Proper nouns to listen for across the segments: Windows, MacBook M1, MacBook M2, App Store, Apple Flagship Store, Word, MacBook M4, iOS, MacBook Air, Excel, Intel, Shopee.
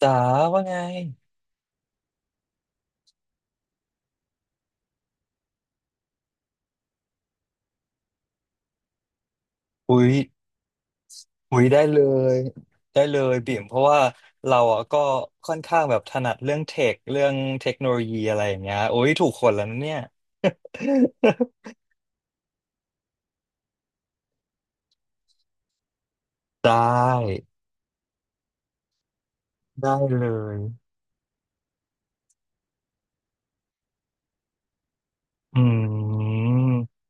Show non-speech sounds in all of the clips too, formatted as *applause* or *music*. จ๋าว่าไงหุยหุยได้เลยบิ่มเพราะว่าเราอ่ะก็ค่อนข้างแบบถนัดเรื่องเทคเรื่องเทคโนโลยีอะไรอย่างเงี้ยโอ้ยถูกคนแล้วนะเนี่ย *laughs* ได้ได้เลยอืม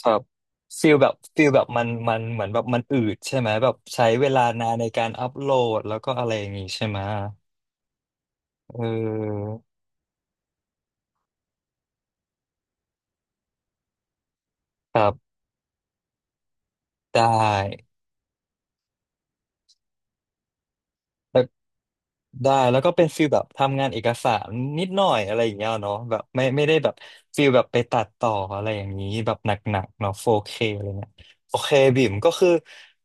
ครับฟีลแบบมันเหมือนแบบมันอืดใช่ไหมแบบใช้เวลานานในการอัพโหลดแล้วก็อะไรอย่างงี้ใช่ไหมเออครับได้ แล้วก็เป็นฟิลแบบทำงานเอกสารนิดหน่อยอะไรอย่างเงี้ยเนาะแบบไม่ได้แบบฟิลแบบไปตัดต่ออะไรอย่างนี้แบบหนักๆเนาะ 4K อะไรเงี้ยโอเคบิ่มก็คือ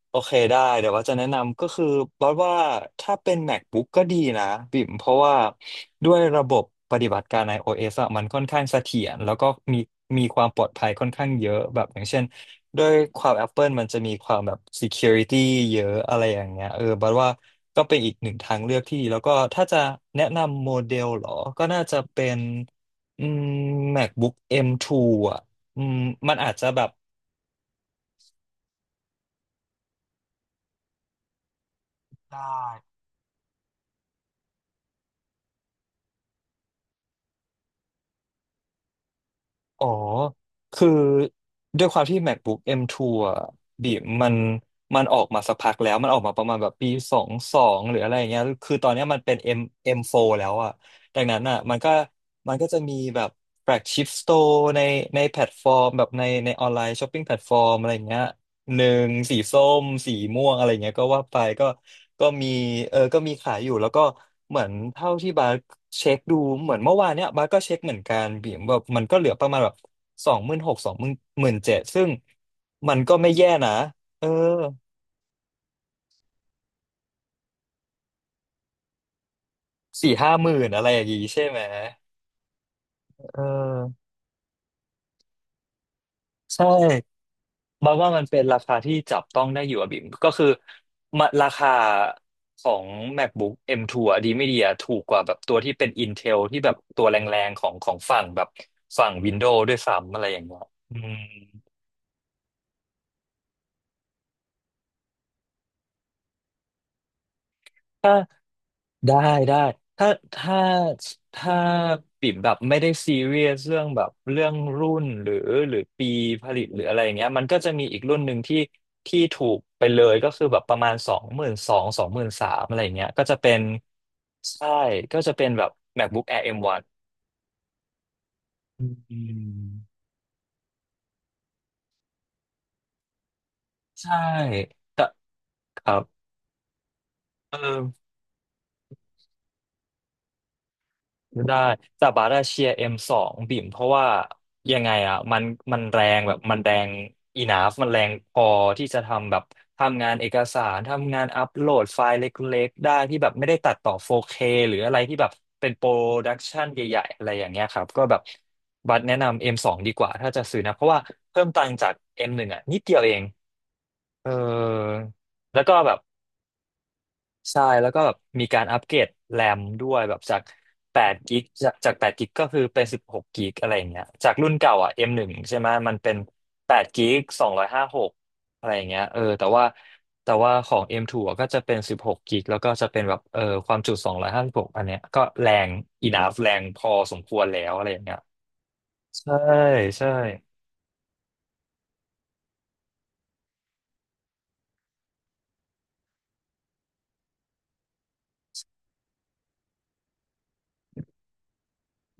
โอเคได้เดี๋ยวว่าจะแนะนำก็คือบอกว่าถ้าเป็น MacBook ก็ดีนะบิ่มเพราะว่าด้วยระบบปฏิบัติการ iOS อะมันค่อนข้างเสถียรแล้วก็มีมีความปลอดภัยค่อนข้างเยอะแบบอย่างเช่น ด้วยความ Apple มันจะมีความแบบ security เยอะอะไรอย่างเงี้ยเออบัดว่าก็เป็นอีกหนึ่งทางเลือกที่ดีแล้วก็ถ้าจะแนะนำโมเดลเหรอ ก็น่าจะเป็นอืม MacBook M2 อมทูอ่ะอืมมันอาจจะแบบได้ อ๋อ คือด้วยความที่ MacBook M2 อมทูอ่ะบีมันมันออกมาสักพักแล้วมันออกมาประมาณแบบปีสองสองหรืออะไรอย่างเงี้ยคือตอนเนี้ยมันเป็น M4 แล้วอ่ะดังนั้นอ่ะมันก็จะมีแบบแฟลกชิพสโตร์ในแพลตฟอร์มแบบในออนไลน์ช้อปปิ้งแพลตฟอร์มอะไรอย่างเงี้ย หนึ่งสีส้มสีม่วงอะไรเงี้ยก็ว่าไปก็มีเออก็มีขายอยู่แล้วก็เหมือนเท่าที่บาร์เช็คดูเหมือนเมื่อวานเนี้ยบาร์ก็เช็คเหมือนกันบีมแบบมันก็เหลือประมาณแบบ26,00027,000ซึ่งมันก็ไม่แย่นะเออ40,000-50,000อะไรอย่างงี้ใช่ไหมเออใช่ บัดว่ามันเป็นราคาที่จับต้องได้อยู่อะบิ่มก็คือมาราคาของ MacBook M2 อมทูอะดีไม่ดีอะถูกกว่าแบบตัวที่เป็น Intel ที่แบบตัวแรงๆของของฝั่งแบบฝั่ง Windows ด้วยซ้ำอะไรอย่างเงี้ยอืม ได้ได้ถ้าถ้าถ้าปิ่มแบบไม่ได้ซีเรียสเรื่องแบบเรื่องรุ่นหรือปีผลิตหรืออะไรอย่างเงี้ยมันก็จะมีอีกรุ่นหนึ่งที่ที่ถูกไปเลยก็คือแบบประมาณ22,00023,000อะไรอย่างเงี้ยใช่ก็จะเป็นแบบ MacBook Air M1 อมวันอืมใช่แต่ครับเออ ได้แต่บาร์ดาเชียร์เอ็มสองบิ่มเพราะว่ายังไงอ่ะมันแรงอีนาฟมันแรงพอที่จะทำแบบทำงานเอกสารทำงานอัปโหลดไฟล์เล็กๆได้ที่แบบไม่ได้ตัดต่อ 4K หรืออะไรที่แบบเป็นโปรดักชันใหญ่ๆอะไรอย่างเงี้ยครับก็แบบบัตรแนะนำ M สองดีกว่าถ้าจะซื้อนะเพราะว่าเพิ่มตังค์จาก M หนึ่งอ่ะนิดเดียวเองเออแล้วก็แบบ ใช่แล้วก็แบบมีการอัปเกรดแรมด้วยแบบจาก8กิกจาก8กิกก็คือเป็น16กกิกอะไรอย่างเงี้ยจากรุ่นเก่าอ่ะ M1 ใช่ไหมมันเป็น8กิก256องร้อยห้าสิบหกอะไรอย่างเงี้ยเออแต่ว่าของ M2 อมทูอะก็จะเป็น16กกิกแล้วก็จะเป็นแบบเออความจุ256องร้อยห้าสิบหกอันเนี้ยก็แรง enough แรงพอสมควรแล้วอะไรอย่างเงี้ยใช่ใช่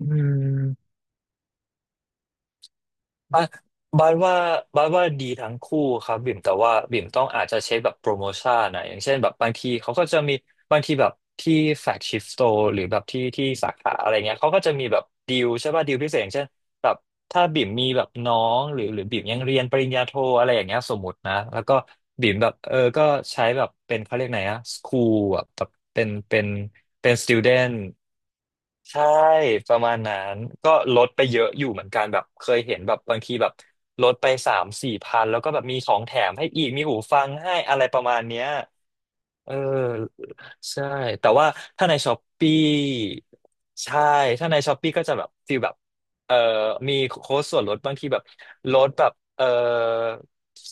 อืม บาสบาสว่าบาสว่าดีทั้งคู่ครับบิ่มแต่ว่าบิ่มต้องอาจจะเช็คแบบโปรโมชั่นนะอย่างเช่นแบบบางทีเขาก็จะมีบางทีแบบที่แฟลกชิพสโตร์หรือแบบที่ที่สาขาอะไรเงี้ยเขาก็จะมีแบบดีลใช่ป่ะดีลพิเศษอย่างเช่นแบบถ้าบิ่มมีแบบน้องหรือหรือบิ่มยังเรียนปริญญาโทอะไรอย่างเงี้ยสมมตินะแล้วก็บิ่มแบบเออก็ใช้แบบเป็นเขาเรียกไหนอะสคูลแบบแบบเป็นเป็นสติวเดน ใช่ประมาณนั้นก็ลดไปเยอะอยู่เหมือนกันแบบเคยเห็นแบบบางทีแบบลดไป3,000-4,000แล้วก็แบบมีของแถมให้อีกมีหูฟังให้อะไรประมาณเนี้ย เออใช่แต่ว่าถ้าในช้อปปี้ใช่ถ้าในช้อปปี้ก็จะแบบฟีลแบบเออมีโค้ดส่วนลดบางทีแบบลดแบบ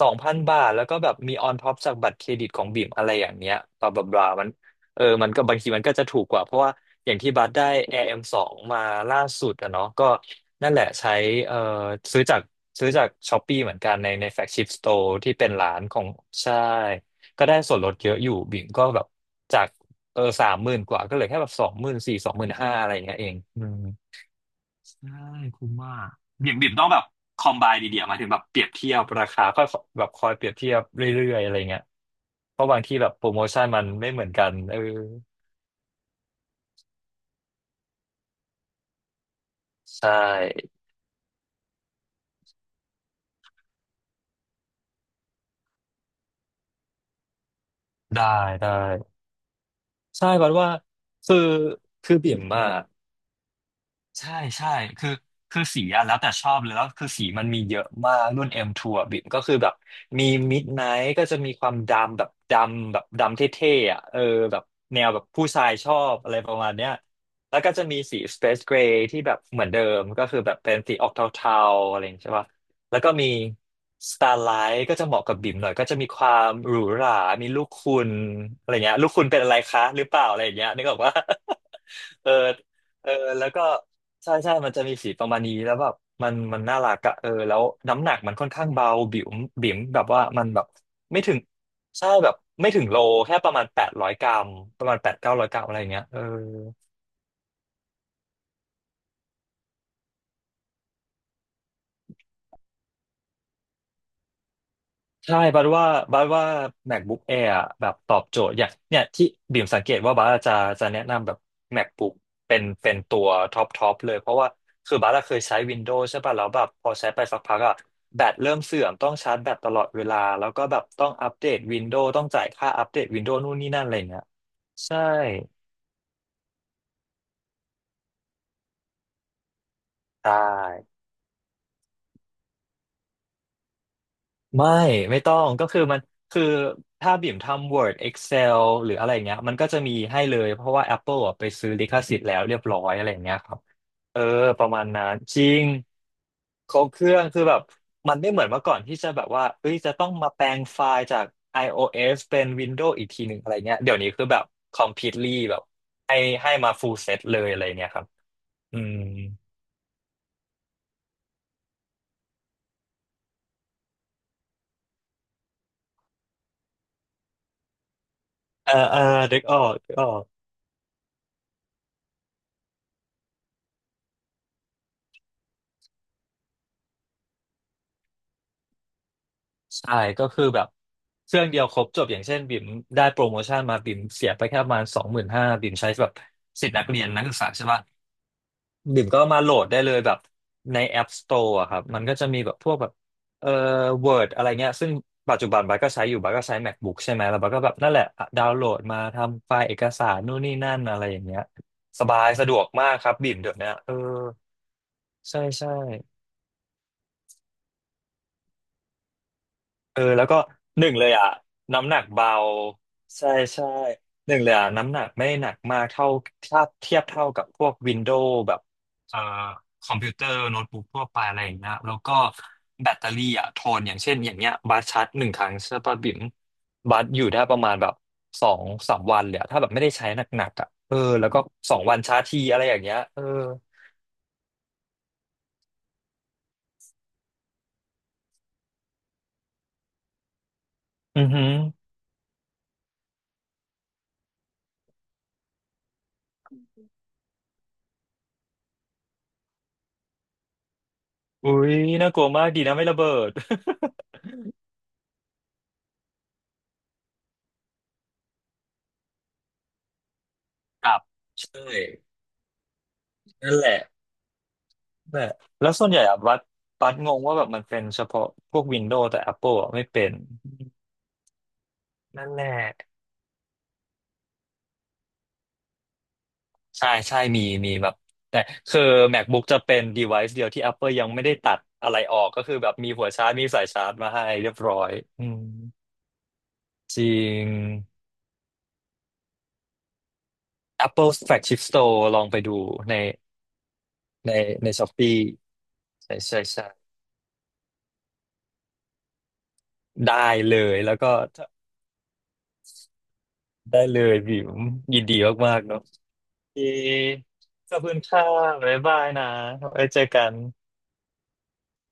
สองพันบาทแล้วก็แบบมีออนท็อปจากบัตรเครดิตของบีมอะไรอย่างเงี้ยบลาบลาบลามันเออมันก็บางทีมันก็จะถูกกว่าเพราะว่าอย่างที่บัตรได้ a อเอ็ m สองมาล่าสุดอะเนาะก็นั่นแหละใช้เออซื้อจากซื้อจากช้อปปี้เหมือนกันในแฟลกชิพสโตร์ที่เป็นร้านของใช่ ก็ได้ส่วนลดเยอะอยู่บิ่มก็แบบจากสามหมื่นกว่าก็เหลือแค่แบบสองหมื่นสี่สองหมื่นห้าอะไรอย่างเงี้ยเองอืมใช่คุ้มมากบิ่มต้องแบบคอมไบดีเดียมายถึงแบบเปรียบเทียบราคาค่อยแบบคอยเปรียบเทียบเรื่อยๆอะไรเงี้ยเพราะบางทีแบบโปรโมชั่นมันไม่เหมือนกันเออใช่ได้ได้ใช่บัดว่าคือคือบิ่มอะ ใช่ใช่คือคือสีอะแล้วแต่ชอบเลยแล้วคือสีมันมีเยอะมากรุ่น M2 อมทูอะบิ่มก็คือแบบมี Midnight ก็จะมีความดำแบบดำแบบดำเท่ๆอะเออแบบแนวแบบผู้ชายชอบอะไรประมาณเนี้ยแล้วก็จะมีสี Space Gray ที่แบบเหมือนเดิมก็คือแบบเป็นสีออกเทาๆอะไรอย่างเงี้ยใช่ปะแล้วก็มี Starlight ก็จะเหมาะกับบิ่มหน่อยก็จะมีความหรูหรามีลูกคุณอะไรเงี้ยลูกคุณเป็นอะไรคะหรือเปล่าอะไรอย่างเงี้ยนึกออกว่า *laughs* เออเออแล้วก็ ใช่ใช่ มันจะมีสีประมาณนี้แล้วแบบมันน่ารักอะเออแล้วน้ำหนักมันค่อนข้างเบาบิ๋มแบบว่ามันแบบไม่ถึงใช่แบบไม่ถึงโลแค่ประมาณแปดร้อยกรัมประมาณแปดเก้าร้อยกรัมอะไรอย่างเงี้ยเออ ใช่บัดว่าบัดว่า MacBook Air อะแบบตอบโจทย์ อย่างเนี่ยที่บิ่มสังเกตว่าบัดจะแนะนำแบบ MacBook เป็นตัวท็อปเลย เพราะว่าคือบัดอะเคยใช้ Windows ใช่ป่ะแล้วแบบพอใช้ไปสักพักอะแบตเริ่มเสื่อมต้องชาร์จแบตตลอดเวลา แล้วก็แบบต้องอัปเดต Windows ต้องจ่ายค่าอัปเดต Windows นู่นนี่นั่นอะไรเงี้ยใช่ใช่ ไม่ต้องก็คือมันคือถ้าบิ่มทำ Word Excel หรืออะไรเงี้ยมันก็จะมีให้เลยเพราะว่า Apple อะไปซื้อลิขสิทธิ์แล้วเรียบร้อยอะไรเงี้ยครับเออประมาณนั้นจริงครบเครื่องคือแบบมันไม่เหมือนเมื่อก่อนที่จะแบบว่าเอ้ยจะต้องมาแปลงไฟล์จาก iOS เป็น Windows อีกทีหนึ่งอะไรเงี้ยเดี๋ยวนี้คือแบบ completely แบบให้ให้มา full set เลยอะไรเงี้ยครับอืมเออเออเด็กออกอ ใช่ก็คือแบบเครื่องเดียวครบจบอย่างเช่นบิ่มได้โปรโมชั่นมาบิ่มเสียไปแค่ประมาณสองหมื่นห้าบิ่มใช้แบบสิทธิ์นักเรียนนักศึกษาใช่ปะบิ่มก็มาโหลดได้เลยแบบใน App Store อะครับมันก็จะมีแบบพวกแบบเอ่อ Word อะไรเงี้ยซึ่งปัจจุบันบัสก็ใช้อยู่บัสก็ใช้ MacBook ใช่ไหมแล้วบัสก็แบบนั่นแหละอะดาวน์โหลดมาทำไฟล์เอกสารนู่นนี่นั่นอะไรอย่างเงี้ยสบายสะดวกมากครับบิ่มเดี๋ยวนี้เออใช่ใช่ เออแล้วก็หนึ่งเลยอ่ะน้ำหนักเบาใช่ใช่หนึ่งเลยอ่ะน้ำหนักไม่หนักมากเท่าถ้าเทียบเท่ากับพวกวินโดว์แบบเอ่อคอมพิวเตอร์โน้ตบุ๊กทั่วไปอะไรอย่างเงี้ยแล้วก็แบตเตอรี่อ่ะทนอย่างเช่นอย่างเงี้ยบัสชาร์จหนึ่งครั้งใช่ป่ะบิ่มบัสอยู่ได้ประมาณแบบสองสามวันเลยอะถ้าแบบไม่ได้ใช้หนักๆอ่ะเออแล้วก็สองวันชาร์จทีอะไรอย่างเงี้ยเอออือหืออุ้ยน่ากลัวมากดีนะไม่ระเบิด *laughs* ครับใช่นั่นแหละ แต่แล้วส่วนใหญ่อะบัสงงว่าแบบมันเป็นเฉพาะพวก Windows แต่ Apple อะไม่เป็นนั่นแหละใช่ใช่มีมีแบบแต่คือ MacBook จะเป็น device เดียวที่ Apple ยังไม่ได้ตัดอะไรออกก็คือแบบมีหัวชาร์จมีสายชาร์จมาให้เรียบร้อยอืมจริง Apple Flagship Store ลองไปดูในในใน Shopee ใช่ใช่ใช่ได้เลยแล้วก็ได้เลยบิวยินดีมากๆเนอะ ดีขอบคุณค่ะบ๊ายบายนะ ไว้เจอกัน